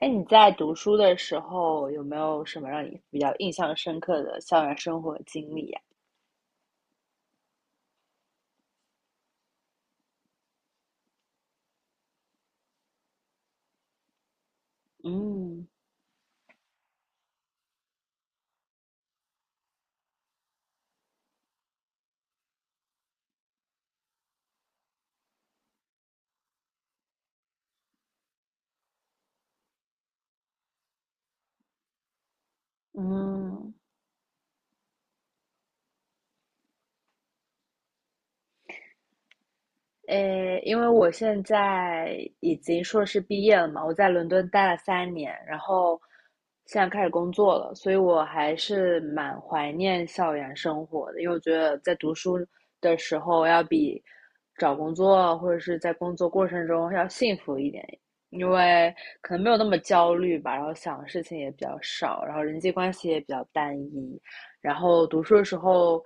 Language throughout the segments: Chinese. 哎，你在读书的时候有没有什么让你比较印象深刻的校园生活经历呀？嗯嗯，诶，因为我现在已经硕士毕业了嘛，我在伦敦待了3年，然后现在开始工作了，所以我还是蛮怀念校园生活的，因为我觉得在读书的时候要比找工作或者是在工作过程中要幸福一点，因为可能没有那么焦虑吧，然后想的事情也比较少，然后人际关系也比较单一，然后读书的时候，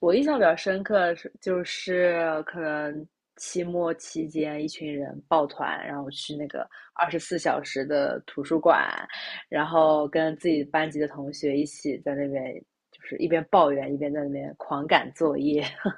我印象比较深刻是就是可能期末期间一群人抱团，然后去那个二十四小时的图书馆，然后跟自己班级的同学一起在那边。就是一边抱怨一边在那边狂赶作业。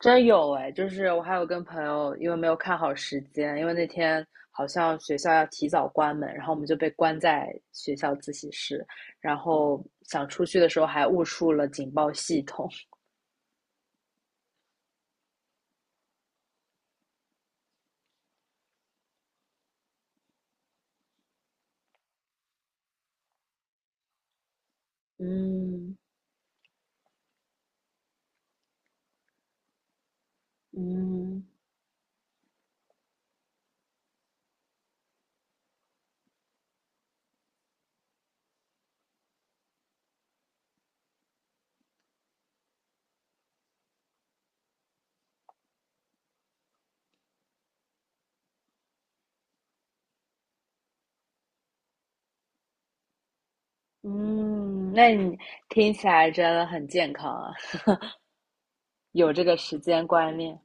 真有哎，就是我还有跟朋友，因为没有看好时间，因为那天好像学校要提早关门，然后我们就被关在学校自习室，然后想出去的时候还误触了警报系统。嗯嗯嗯，那你听起来真的很健康啊。有这个时间观念。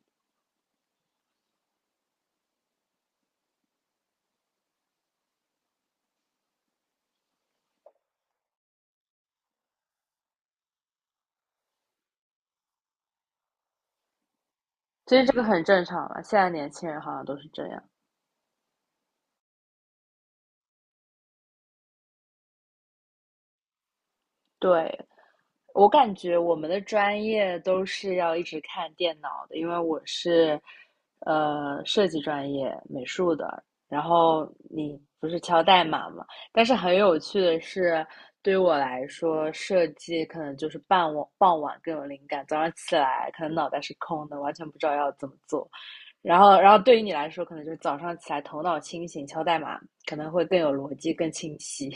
其实这个很正常了，现在年轻人好像都是这样。对，我感觉我们的专业都是要一直看电脑的，因为我是呃设计专业美术的，然后你不是敲代码嘛？但是很有趣的是，对于我来说，设计可能就是傍晚更有灵感，早上起来可能脑袋是空的，完全不知道要怎么做。然后对于你来说，可能就是早上起来头脑清醒，敲代码可能会更有逻辑、更清晰。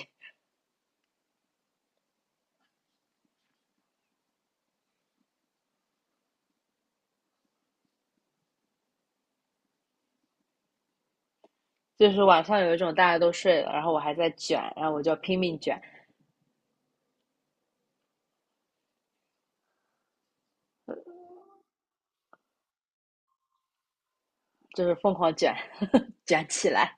就是晚上有一种大家都睡了，然后我还在卷，然后我就拼命卷，就是疯狂卷，卷起来。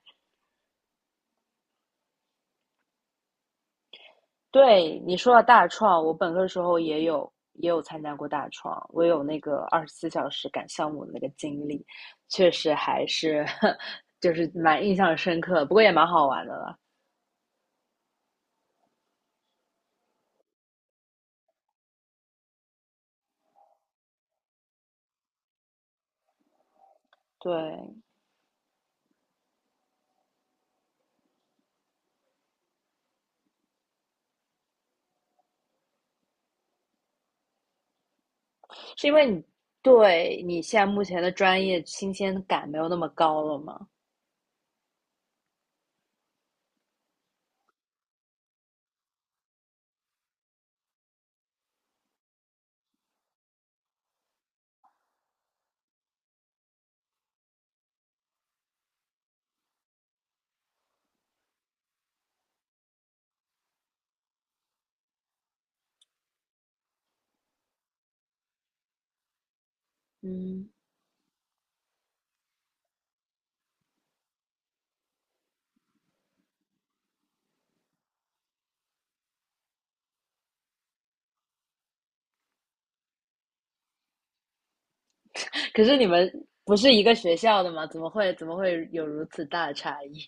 对你说到大创，我本科的时候也有参加过大创，我有那个二十四小时赶项目的那个经历，确实还是就是蛮印象深刻，不过也蛮好玩的了。对，是因为你对你现在目前的专业新鲜感没有那么高了吗？嗯。可是你们不是一个学校的吗？怎么会有如此大的差异？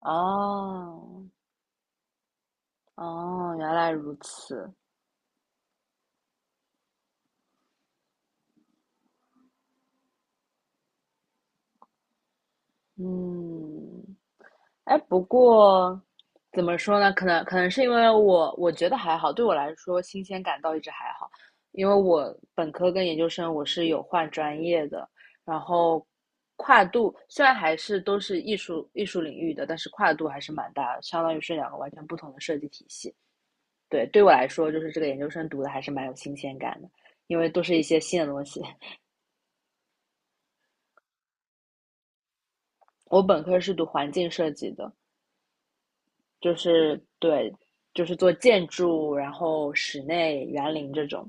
哦，哦，原来如此。嗯，哎，不过怎么说呢？可能是因为我我觉得还好，对我来说新鲜感倒一直还好，因为我本科跟研究生我是有换专业的，然后跨度虽然还是都是艺术领域的，但是跨度还是蛮大的，相当于是两个完全不同的设计体系。对，对我来说，就是这个研究生读的还是蛮有新鲜感的，因为都是一些新的东西。我本科是读环境设计的，就是对，就是做建筑，然后室内园林这种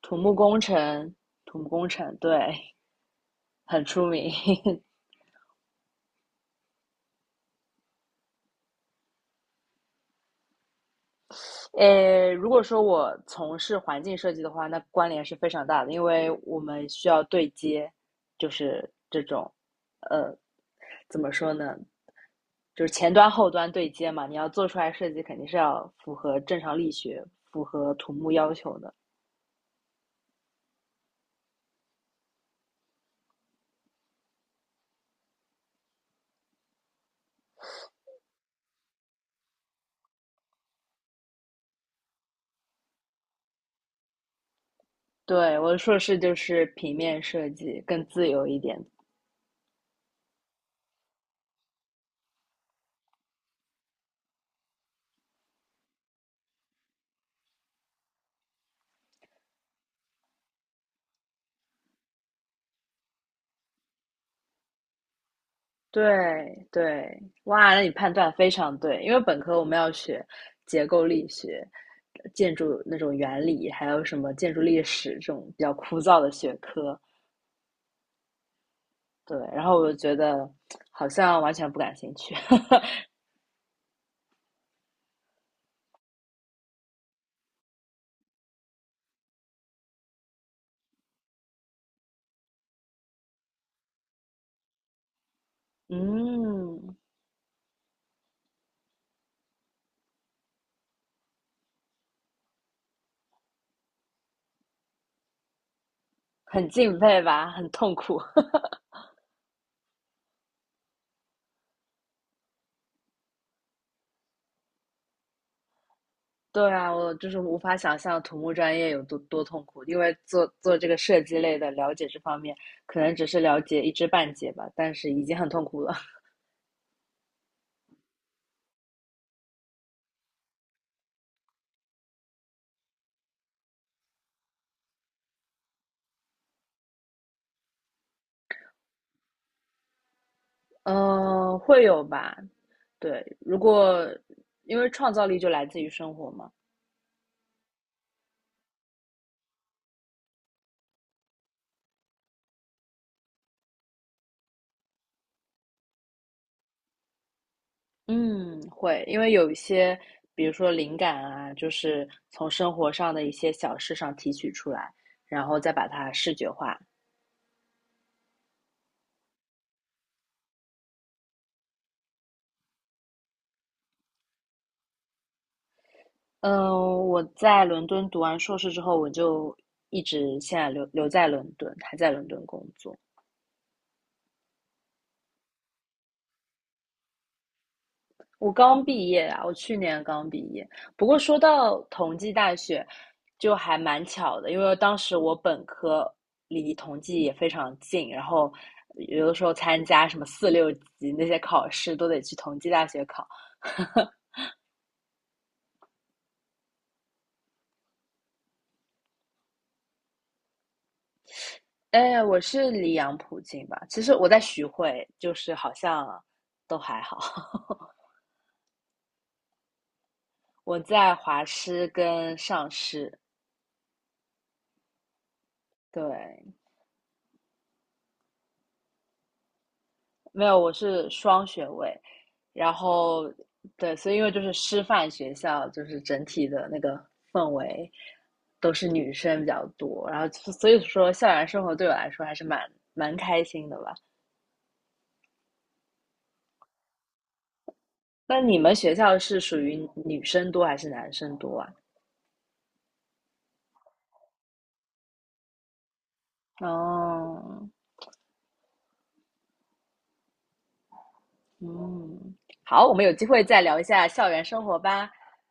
土木工程，土木工程对，很出名。呃，如果说我从事环境设计的话，那关联是非常大的，因为我们需要对接，就是这种，呃，怎么说呢？就是前端后端对接嘛，你要做出来设计，肯定是要符合正常力学、符合土木要求的。对，我的硕士就是平面设计，更自由一点。对对，哇，那你判断非常对，因为本科我们要学结构力学、建筑那种原理，还有什么建筑历史这种比较枯燥的学科。对，然后我就觉得好像完全不感兴趣。嗯，很敬佩吧，很痛苦。对啊，我就是无法想象土木专业有多痛苦，因为做这个设计类的，了解这方面可能只是了解一知半解吧，但是已经很痛苦了。嗯、会有吧？对，如果因为创造力就来自于生活嘛，嗯，会，因为有一些，比如说灵感啊，就是从生活上的一些小事上提取出来，然后再把它视觉化。嗯，我在伦敦读完硕士之后，我就一直现在留在伦敦，还在伦敦工作。我刚毕业啊，我去年刚毕业。不过说到同济大学，就还蛮巧的，因为当时我本科离同济也非常近，然后有的时候参加什么四六级那些考试都得去同济大学考。哎，我是离杨浦近吧？其实我在徐汇，就是好像都还好。我在华师跟上师，对，没有，我是双学位，然后对，所以因为就是师范学校，就是整体的那个氛围都是女生比较多，然后所以说校园生活对我来说还是蛮开心的吧。那你们学校是属于女生多还是男生多啊？哦，嗯，好，我们有机会再聊一下校园生活吧。